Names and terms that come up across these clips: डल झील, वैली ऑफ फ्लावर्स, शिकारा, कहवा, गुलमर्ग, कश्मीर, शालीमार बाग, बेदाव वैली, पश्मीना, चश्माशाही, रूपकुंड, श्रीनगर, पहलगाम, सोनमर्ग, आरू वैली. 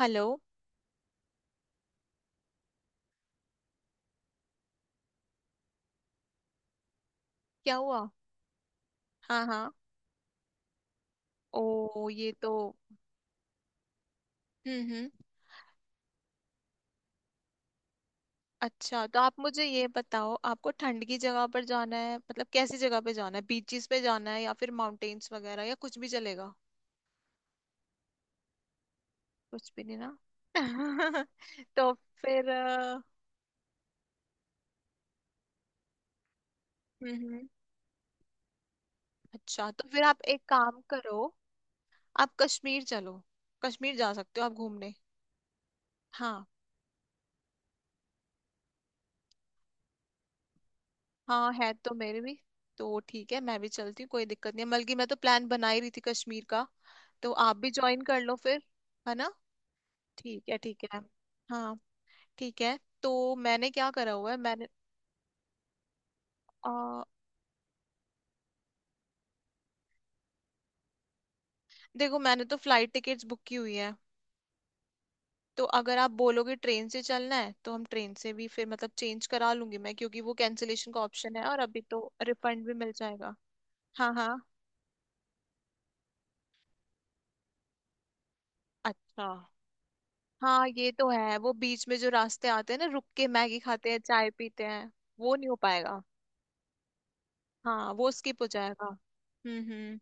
Hello. क्या हुआ? हाँ हाँ। ओ, ये तो। हम्म, हम्म। अच्छा, तो आप मुझे ये बताओ, आपको ठंड की जगह पर जाना है, मतलब कैसी जगह पे जाना है? बीचेस पे जाना है या फिर माउंटेन्स वगैरह, या कुछ भी चलेगा? कुछ भी नहीं ना। तो फिर हम्म। अच्छा, तो फिर आप एक काम करो, आप कश्मीर चलो। कश्मीर जा सकते हो आप घूमने। हाँ हाँ। है तो मेरे भी। तो ठीक है, मैं भी चलती हूँ, कोई दिक्कत नहीं है। बल्कि मैं तो प्लान बना ही रही थी कश्मीर का। तो आप भी ज्वाइन कर लो फिर। है ना? ठीक है, ठीक है। हाँ। ठीक है। तो मैंने क्या करा हुआ है, मैंने आ, देखो, मैंने तो फ्लाइट टिकट्स बुक की हुई है। तो अगर आप बोलोगे ट्रेन से चलना है तो हम ट्रेन से भी फिर, मतलब चेंज करा लूंगी मैं, क्योंकि वो कैंसिलेशन का ऑप्शन है और अभी तो रिफंड भी मिल जाएगा। हाँ हाँ। अच्छा। हाँ ये तो है, वो बीच में जो रास्ते आते हैं ना, रुक के मैगी खाते हैं, चाय पीते हैं। वो नहीं हो पाएगा। हाँ वो स्किप हो जाएगा। हम्म।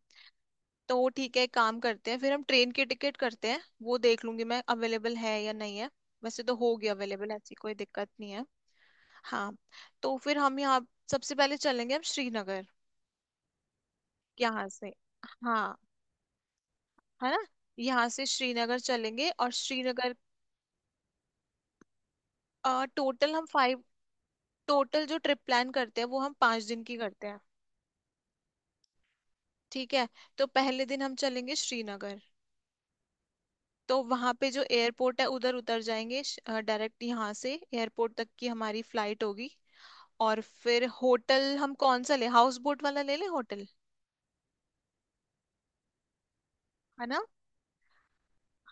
तो ठीक है, एक काम करते हैं फिर, हम ट्रेन की टिकट करते हैं। वो देख लूंगी मैं, अवेलेबल है या नहीं है। वैसे तो होगी अवेलेबल, ऐसी कोई दिक्कत नहीं है। हाँ। तो फिर हम यहाँ सबसे पहले चलेंगे, हम श्रीनगर। यहाँ से। हाँ। है ना? यहाँ से श्रीनगर चलेंगे और श्रीनगर। टोटल हम फाइव। टोटल जो ट्रिप प्लान करते हैं वो हम 5 दिन की करते हैं। ठीक है। तो पहले दिन हम चलेंगे श्रीनगर। तो वहां पे जो एयरपोर्ट है उधर उतर जाएंगे। डायरेक्ट यहाँ से एयरपोर्ट तक की हमारी फ्लाइट होगी। और फिर होटल हम कौन सा ले हाउस बोट वाला ले ले होटल। है ना?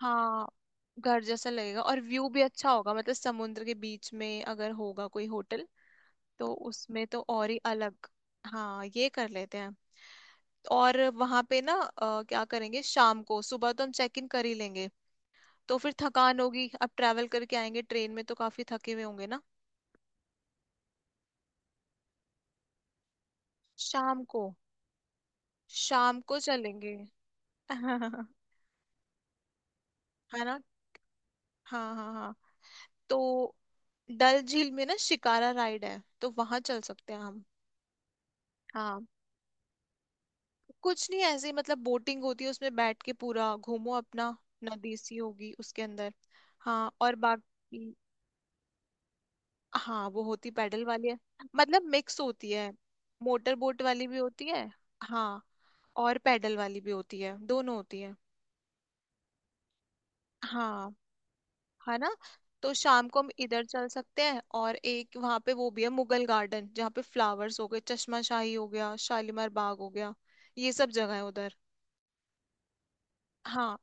हाँ। घर जैसा लगेगा और व्यू भी अच्छा होगा, मतलब समुद्र के बीच में अगर होगा कोई होटल तो उसमें तो और ही अलग। हाँ ये कर लेते हैं। और वहां पे ना क्या करेंगे शाम को, सुबह तो हम चेक इन कर ही लेंगे। तो फिर थकान होगी, अब ट्रैवल करके आएंगे ट्रेन में तो काफी थके हुए होंगे ना। शाम को। शाम को चलेंगे। है ना। हाँ हाँ हाँ। तो डल झील में ना शिकारा राइड है, तो वहां चल सकते हैं हम। हाँ। कुछ नहीं ऐसे ही, मतलब बोटिंग होती है उसमें, बैठ के पूरा घूमो अपना। नदी सी होगी उसके अंदर। हाँ और बाकी। हाँ वो होती पैडल वाली है, मतलब मिक्स होती है। मोटर बोट वाली भी होती है। हाँ और पैडल वाली भी होती है, दोनों होती है। हाँ। है ना? तो शाम को हम इधर चल सकते हैं और एक वहां पे वो भी है मुगल गार्डन, जहाँ पे फ्लावर्स हो गए, चश्माशाही हो गया, शालीमार बाग हो गया। ये सब जगह है उधर। हाँ।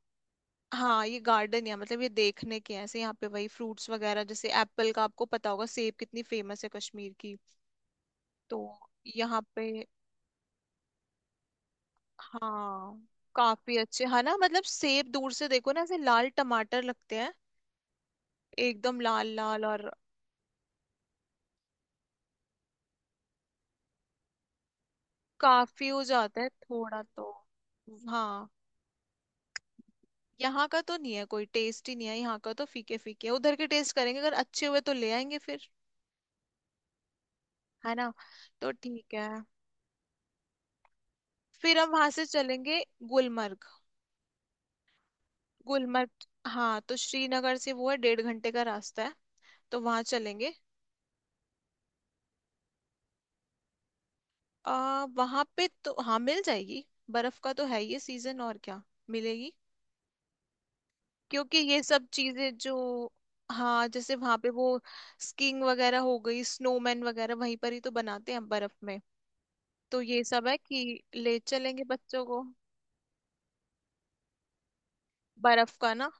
हाँ ये गार्डन है, मतलब ये देखने के हैं ऐसे। यहाँ पे वही फ्रूट्स वगैरह जैसे एप्पल का, आपको पता होगा सेब कितनी फेमस है कश्मीर की। तो यहाँ पे। हाँ। काफी अच्छे है ना, मतलब सेब दूर से देखो ना ऐसे लाल टमाटर लगते हैं, एकदम लाल लाल। और काफी हो जाता है थोड़ा तो। हाँ। यहाँ का तो नहीं है, कोई टेस्ट ही नहीं है यहाँ का, तो फीके फीके। उधर के टेस्ट करेंगे, अगर अच्छे हुए तो ले आएंगे फिर। है ना? तो ठीक है, फिर हम वहां से चलेंगे गुलमर्ग। गुलमर्ग। हाँ तो श्रीनगर से वो है, डेढ़ घंटे का रास्ता है। तो वहां चलेंगे। वहां पे तो हाँ मिल जाएगी। बर्फ का तो है ये सीजन, और क्या। मिलेगी, क्योंकि ये सब चीजें जो। हाँ जैसे वहां पे वो स्कीइंग वगैरह हो गई, स्नोमैन वगैरह वहीं पर ही तो बनाते हैं बर्फ में। तो ये सब है कि ले चलेंगे बच्चों को, बर्फ का ना।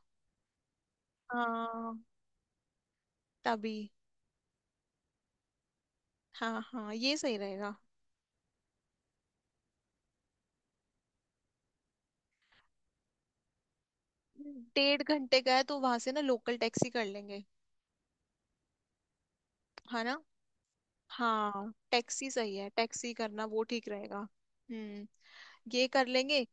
हाँ तभी। हाँ हाँ ये सही रहेगा। डेढ़ घंटे का है, तो वहां से ना लोकल टैक्सी कर लेंगे। है ना? हाँ टैक्सी सही है, टैक्सी करना वो ठीक रहेगा। हम्म। ये कर लेंगे।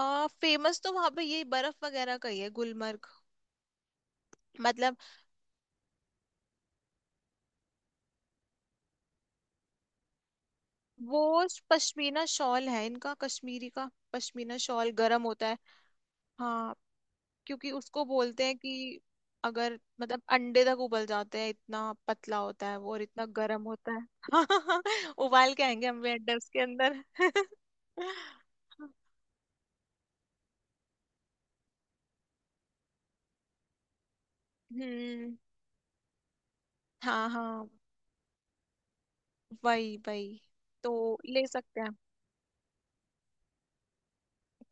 आ फेमस तो वहां पे ये बर्फ वगैरह का ही है गुलमर्ग, मतलब। वो पश्मीना शॉल है इनका, कश्मीरी का पश्मीना शॉल गर्म होता है। हाँ, क्योंकि उसको बोलते हैं कि अगर मतलब अंडे तक उबल जाते हैं, इतना पतला होता है वो और इतना गर्म होता है। उबाल के आएंगे हम भी अंडे उसके अंदर। हम्म। हाँ हाँ वही वही। तो ले सकते हैं।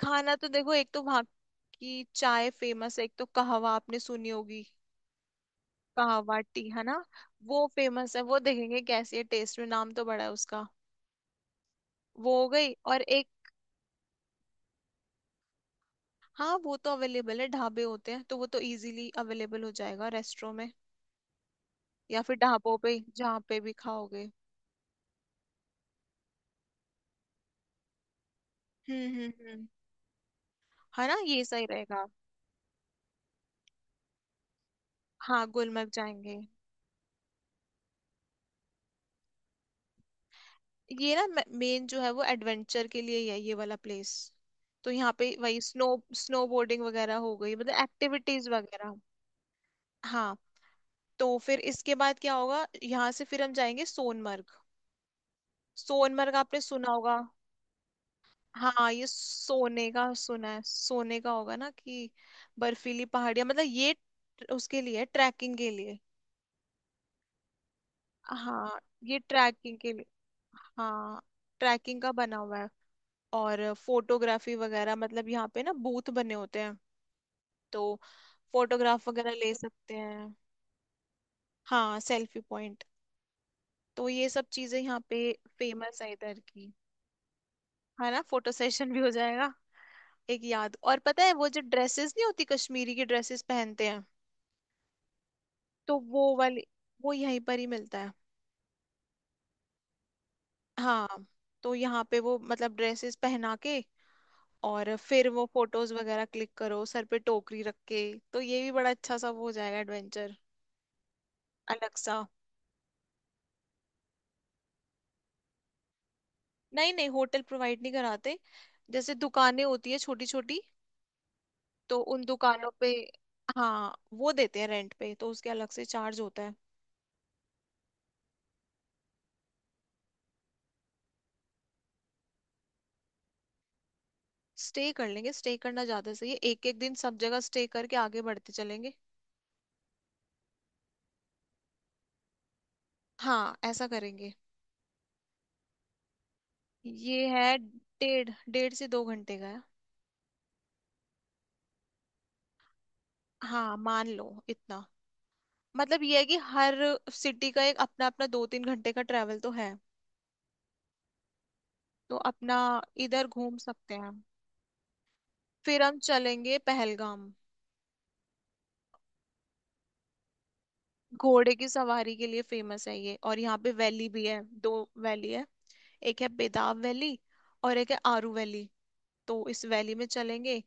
खाना तो देखो, एक तो वहाँ की चाय फेमस है, एक तो कहवा आपने सुनी होगी। कहवा टी, है ना। वो फेमस है, वो देखेंगे कैसी है टेस्ट में, नाम तो बड़ा है उसका। वो हो गई और एक। हाँ वो तो अवेलेबल है, ढाबे होते हैं, तो वो तो इजीली अवेलेबल हो जाएगा रेस्टोरों में या फिर ढाबों पे जहाँ पे भी खाओगे। हम्म। है ना ये सही रहेगा। हाँ गुलमर्ग जाएंगे। ये ना मेन जो है वो एडवेंचर के लिए ही है, ये वाला प्लेस। तो यहाँ पे वही स्नो स्नो बोर्डिंग वगैरह हो गई, मतलब एक्टिविटीज वगैरह। हाँ। तो फिर इसके बाद क्या होगा, यहाँ से फिर हम जाएंगे सोनमर्ग। सोनमर्ग आपने सुना होगा। हाँ ये सोने का सुना है, सोने का होगा ना कि? बर्फीली पहाड़ियां, मतलब ये उसके लिए, ट्रैकिंग के लिए। हाँ ये ट्रैकिंग के लिए। हाँ ट्रैकिंग का बना हुआ है। और फोटोग्राफी वगैरह, मतलब यहाँ पे ना बूथ बने होते हैं, तो फोटोग्राफ वगैरह ले सकते हैं। हाँ सेल्फी पॉइंट। तो ये सब चीजें यहाँ पे फेमस है इधर की। है ना, फोटो सेशन भी हो जाएगा। एक याद और, पता है वो जो ड्रेसेस नहीं होती, कश्मीरी की ड्रेसेस पहनते हैं। तो वो वाली, वो यहीं पर ही मिलता है। हाँ। तो यहाँ पे वो मतलब ड्रेसेस पहना के और फिर वो फोटोज वगैरह क्लिक करो, सर पे टोकरी रख के। तो ये भी बड़ा अच्छा सा वो हो जाएगा, एडवेंचर अलग सा। नहीं नहीं, होटल प्रोवाइड नहीं कराते, जैसे दुकानें होती है छोटी छोटी, तो उन दुकानों पे। हाँ वो देते हैं रेंट पे, तो उसके अलग से चार्ज होता है। स्टे कर लेंगे, स्टे करना ज्यादा सही है, एक एक दिन सब जगह स्टे करके आगे बढ़ते चलेंगे। हाँ ऐसा करेंगे। ये है डेढ़ डेढ़ से दो घंटे का है। हाँ मान लो इतना। मतलब ये है कि हर सिटी का एक अपना अपना दो तीन घंटे का ट्रेवल तो है। तो अपना इधर घूम सकते हैं। फिर हम चलेंगे पहलगाम। घोड़े की सवारी के लिए फेमस है ये, और यहाँ पे वैली भी है, दो वैली है। एक है बेदाव वैली और एक है आरू वैली। तो इस वैली में चलेंगे।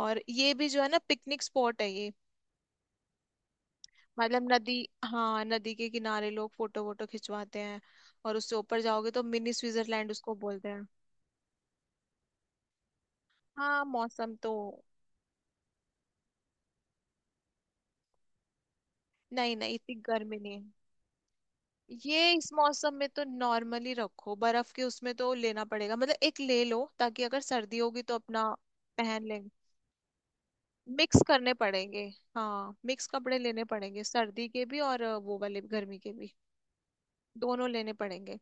और ये भी जो है ना, पिकनिक स्पॉट है ये, मतलब नदी। हाँ नदी के किनारे लोग फोटो वोटो खिंचवाते हैं। और उससे ऊपर जाओगे तो मिनी स्विट्जरलैंड उसको बोलते हैं। हाँ मौसम तो। नहीं नहीं, इतनी गर्मी नहीं। ये इस मौसम में तो नॉर्मली रखो, बर्फ के उसमें तो लेना पड़ेगा, मतलब एक ले लो ताकि अगर सर्दी होगी तो अपना पहन लेंगे। मिक्स करने पड़ेंगे। हाँ मिक्स कपड़े लेने पड़ेंगे, सर्दी के भी और वो वाले गर्मी के भी। दोनों लेने पड़ेंगे।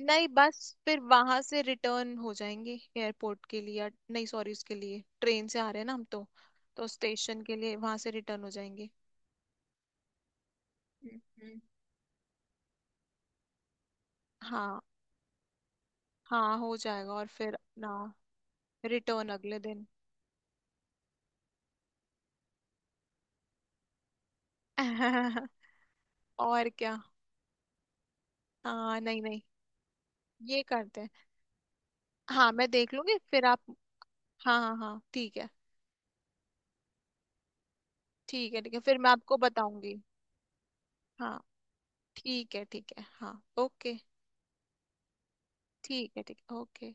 नहीं बस फिर वहां से रिटर्न हो जाएंगे एयरपोर्ट के लिए, नहीं सॉरी, उसके लिए ट्रेन से आ रहे हैं ना हम तो। तो स्टेशन के लिए वहां से रिटर्न हो जाएंगे। हम्म। हाँ हाँ हो जाएगा। और फिर ना रिटर्न अगले दिन। और क्या। हाँ नहीं नहीं। ये करते हैं। हाँ मैं देख लूंगी फिर आप। हाँ हाँ हाँ ठीक है। ठीक है ठीक है, फिर मैं आपको बताऊंगी। हाँ ठीक है ठीक है, हाँ ओके। ठीक है ठीक है, ओके।